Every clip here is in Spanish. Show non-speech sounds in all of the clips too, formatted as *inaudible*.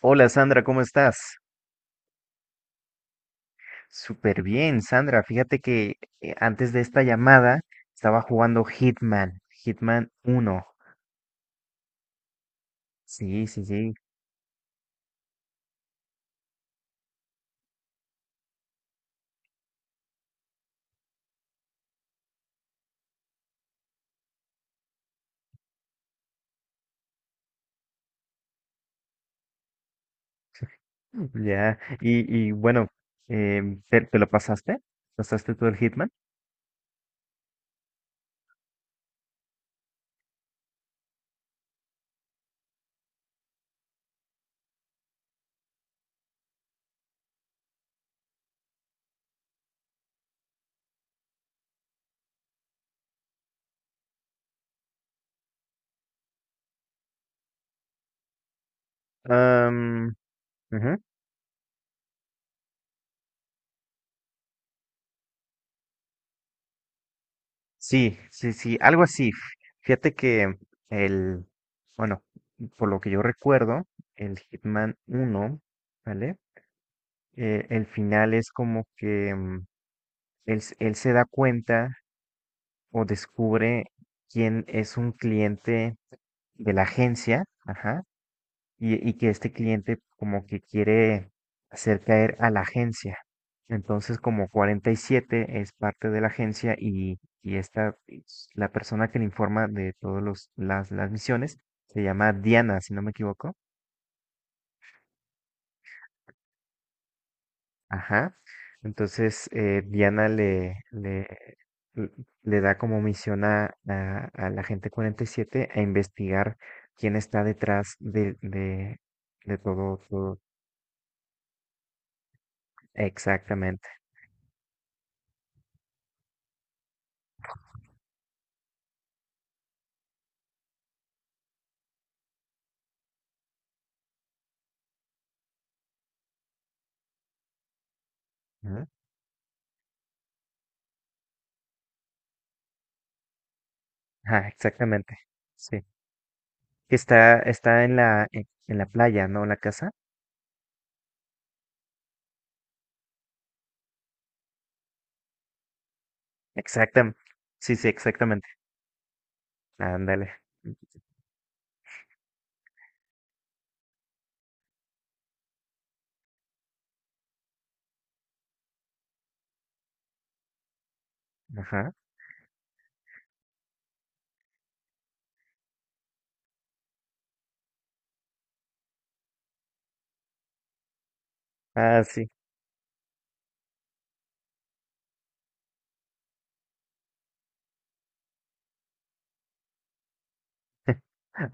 Hola, Sandra, ¿cómo estás? Súper bien, Sandra. Fíjate que antes de esta llamada estaba jugando Hitman, Hitman uno. Sí, sí, sí. Ya. Y bueno, eh, ¿te lo pasaste? ¿Pasaste tú el Hitman? Am, ujú. Sí, sí, sí, algo así. Fíjate que el, bueno, por lo que yo recuerdo, el Hitman uno, ¿vale? El final es como que él se da cuenta o descubre quién es un cliente de la agencia, ajá, y que este cliente como que quiere hacer caer a la agencia. Entonces, como 47 es parte de la agencia y esta, es la persona que le informa de todas las misiones, se llama Diana, si no me equivoco. Ajá. Entonces, Diana l- le da como misión a la gente 47 a investigar quién está detrás de todo, todo. Exactamente. Ajá, ajá, exactamente. Sí. Que está, está en en la playa, ¿no? La casa. Exactamente. Sí, sí, exactamente. Ándale. Ajá. Ah, sí.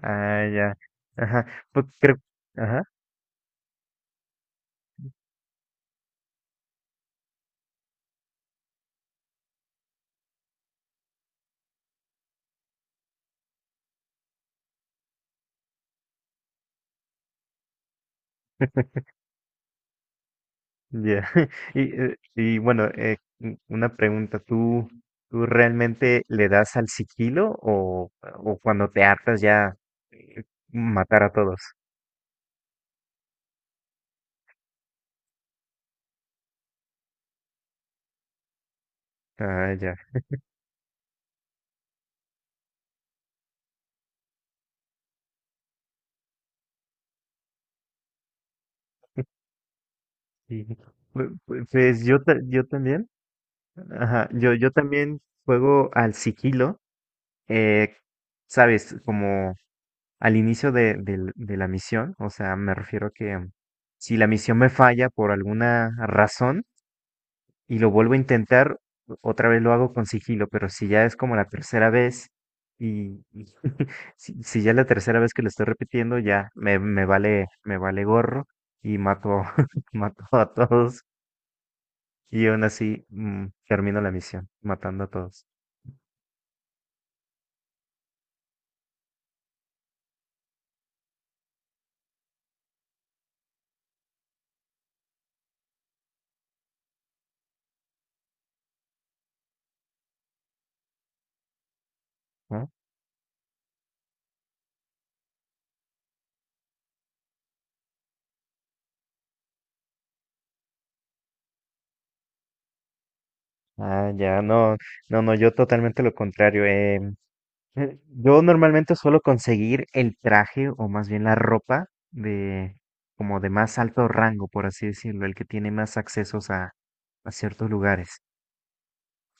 Ah, ya. Ajá. Pues creo. Ajá. *laughs* Ya. *laughs* Y, y bueno, una pregunta, ¿tú realmente le das al sigilo o cuando te hartas ya eh, matar a todos? Ah, ya. Sí. Pues yo, yo también, ajá, yo también juego al sigilo, eh, sabes, como al inicio de la misión, o sea, me refiero que si la misión me falla por alguna razón, y lo vuelvo a intentar, otra vez lo hago con sigilo, pero si ya es como la tercera vez y *laughs* si ya es la tercera vez que lo estoy repitiendo, ya me vale gorro y mato, *laughs* mato a todos y aún así termino la misión matando a todos, ¿no? Ah, ya, no, no, no, yo totalmente lo contrario. Yo normalmente suelo conseguir el traje o más bien la ropa de como de más alto rango, por así decirlo, el que tiene más accesos a ciertos lugares.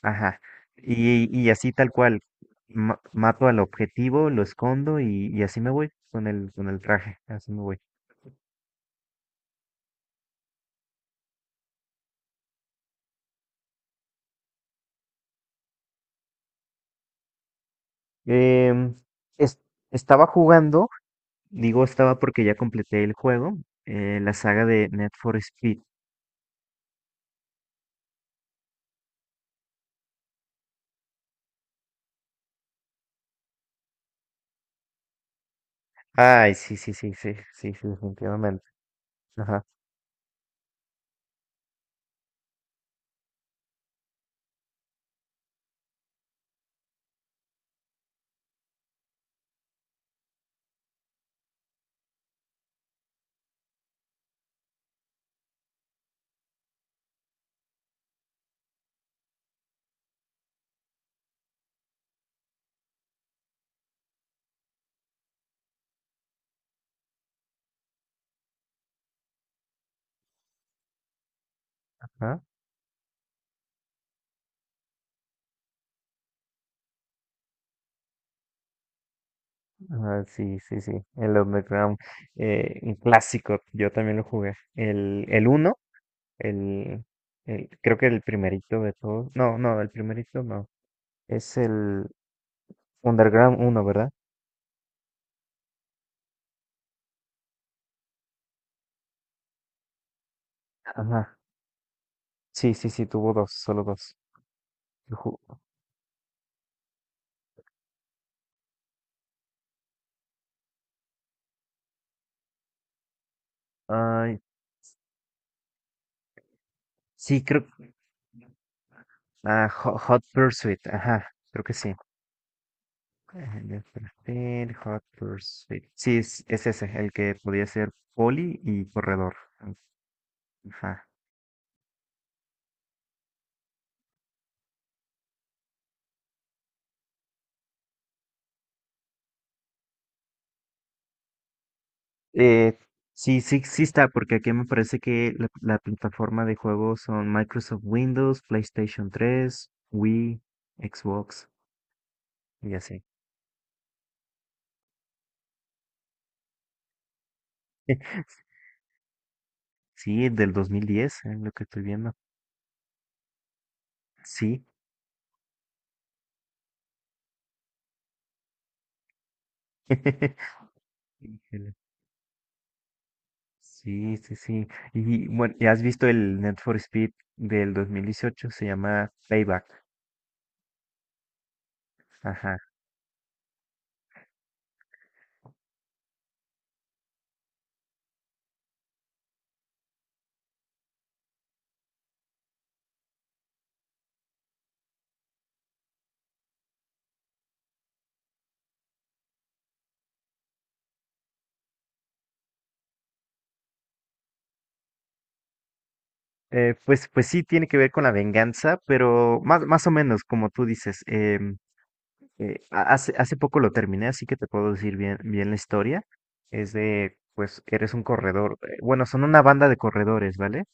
Ajá. Y así tal cual, mato al objetivo, lo escondo y así me voy con el traje, así me voy. Em, es- Estaba jugando, digo estaba porque ya completé el juego, la saga de Net for Speed. Ay, sí, sí, sí, sí, sí, sí, definitivamente. Ajá. Ajá. Ah, sí, sí, sí. El Underground, un clásico. Yo también lo jugué. El uno, el, creo que el primerito de todos. No, no, el primerito no. Es el Underground uno, ¿verdad? Ajá. Sí, sí, sí, tuvo dos, solo dos. Yo ju- Ay, sí, creo. Ah, Hot Pursuit, ajá, creo que sí. Ajá, ya espérate, Hot Pursuit. Sí, es ese, el que podía ser poli y corredor. Ajá. Eh, sí, sí, sí está, porque aquí me parece que la plataforma de juegos son Microsoft Windows, PlayStation 3, Wii, Xbox y así. *laughs* Sí, del 2010, es lo que estoy viendo. Sí. *laughs* Híjole. Sí, sí, sí. Y bueno, ¿ya has visto el Need for Speed del 2018? Se llama Payback. Ajá. Pues, pues sí, tiene que ver con la venganza, pero más, más o menos, como tú dices. Hace hace poco lo terminé, así que te puedo decir bien, bien la historia. Es de, pues, eres un corredor. Bueno, son una banda de corredores, ¿vale?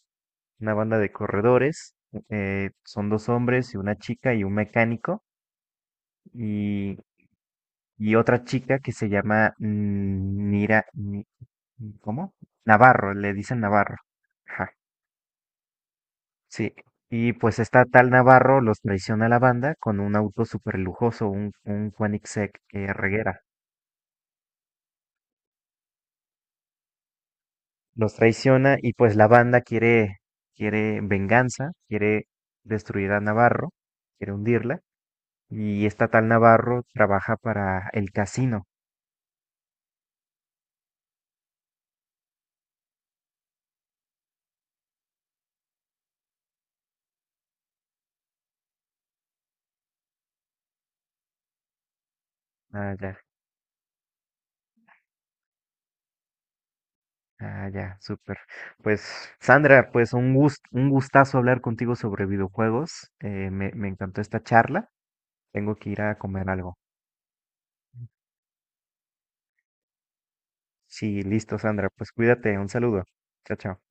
Una banda de corredores. Son dos hombres y una chica y un mecánico y, y otra chica que se llama Nira, Ni- ¿cómo? Navarro, le dicen Navarro. Ajá, sí. Y pues esta tal Navarro los traiciona a la banda con un auto súper lujoso, un Koenigsegg Reguera. Los traiciona y pues la banda quiere, quiere venganza, quiere destruir a Navarro, quiere hundirla. Y esta tal Navarro trabaja para el casino. Ah, ya, ah, ya, súper. Pues Sandra, pues un un gustazo hablar contigo sobre videojuegos. Me encantó esta charla. Tengo que ir a comer algo. Sí, listo, Sandra. Pues cuídate. Un saludo. Chao, chao.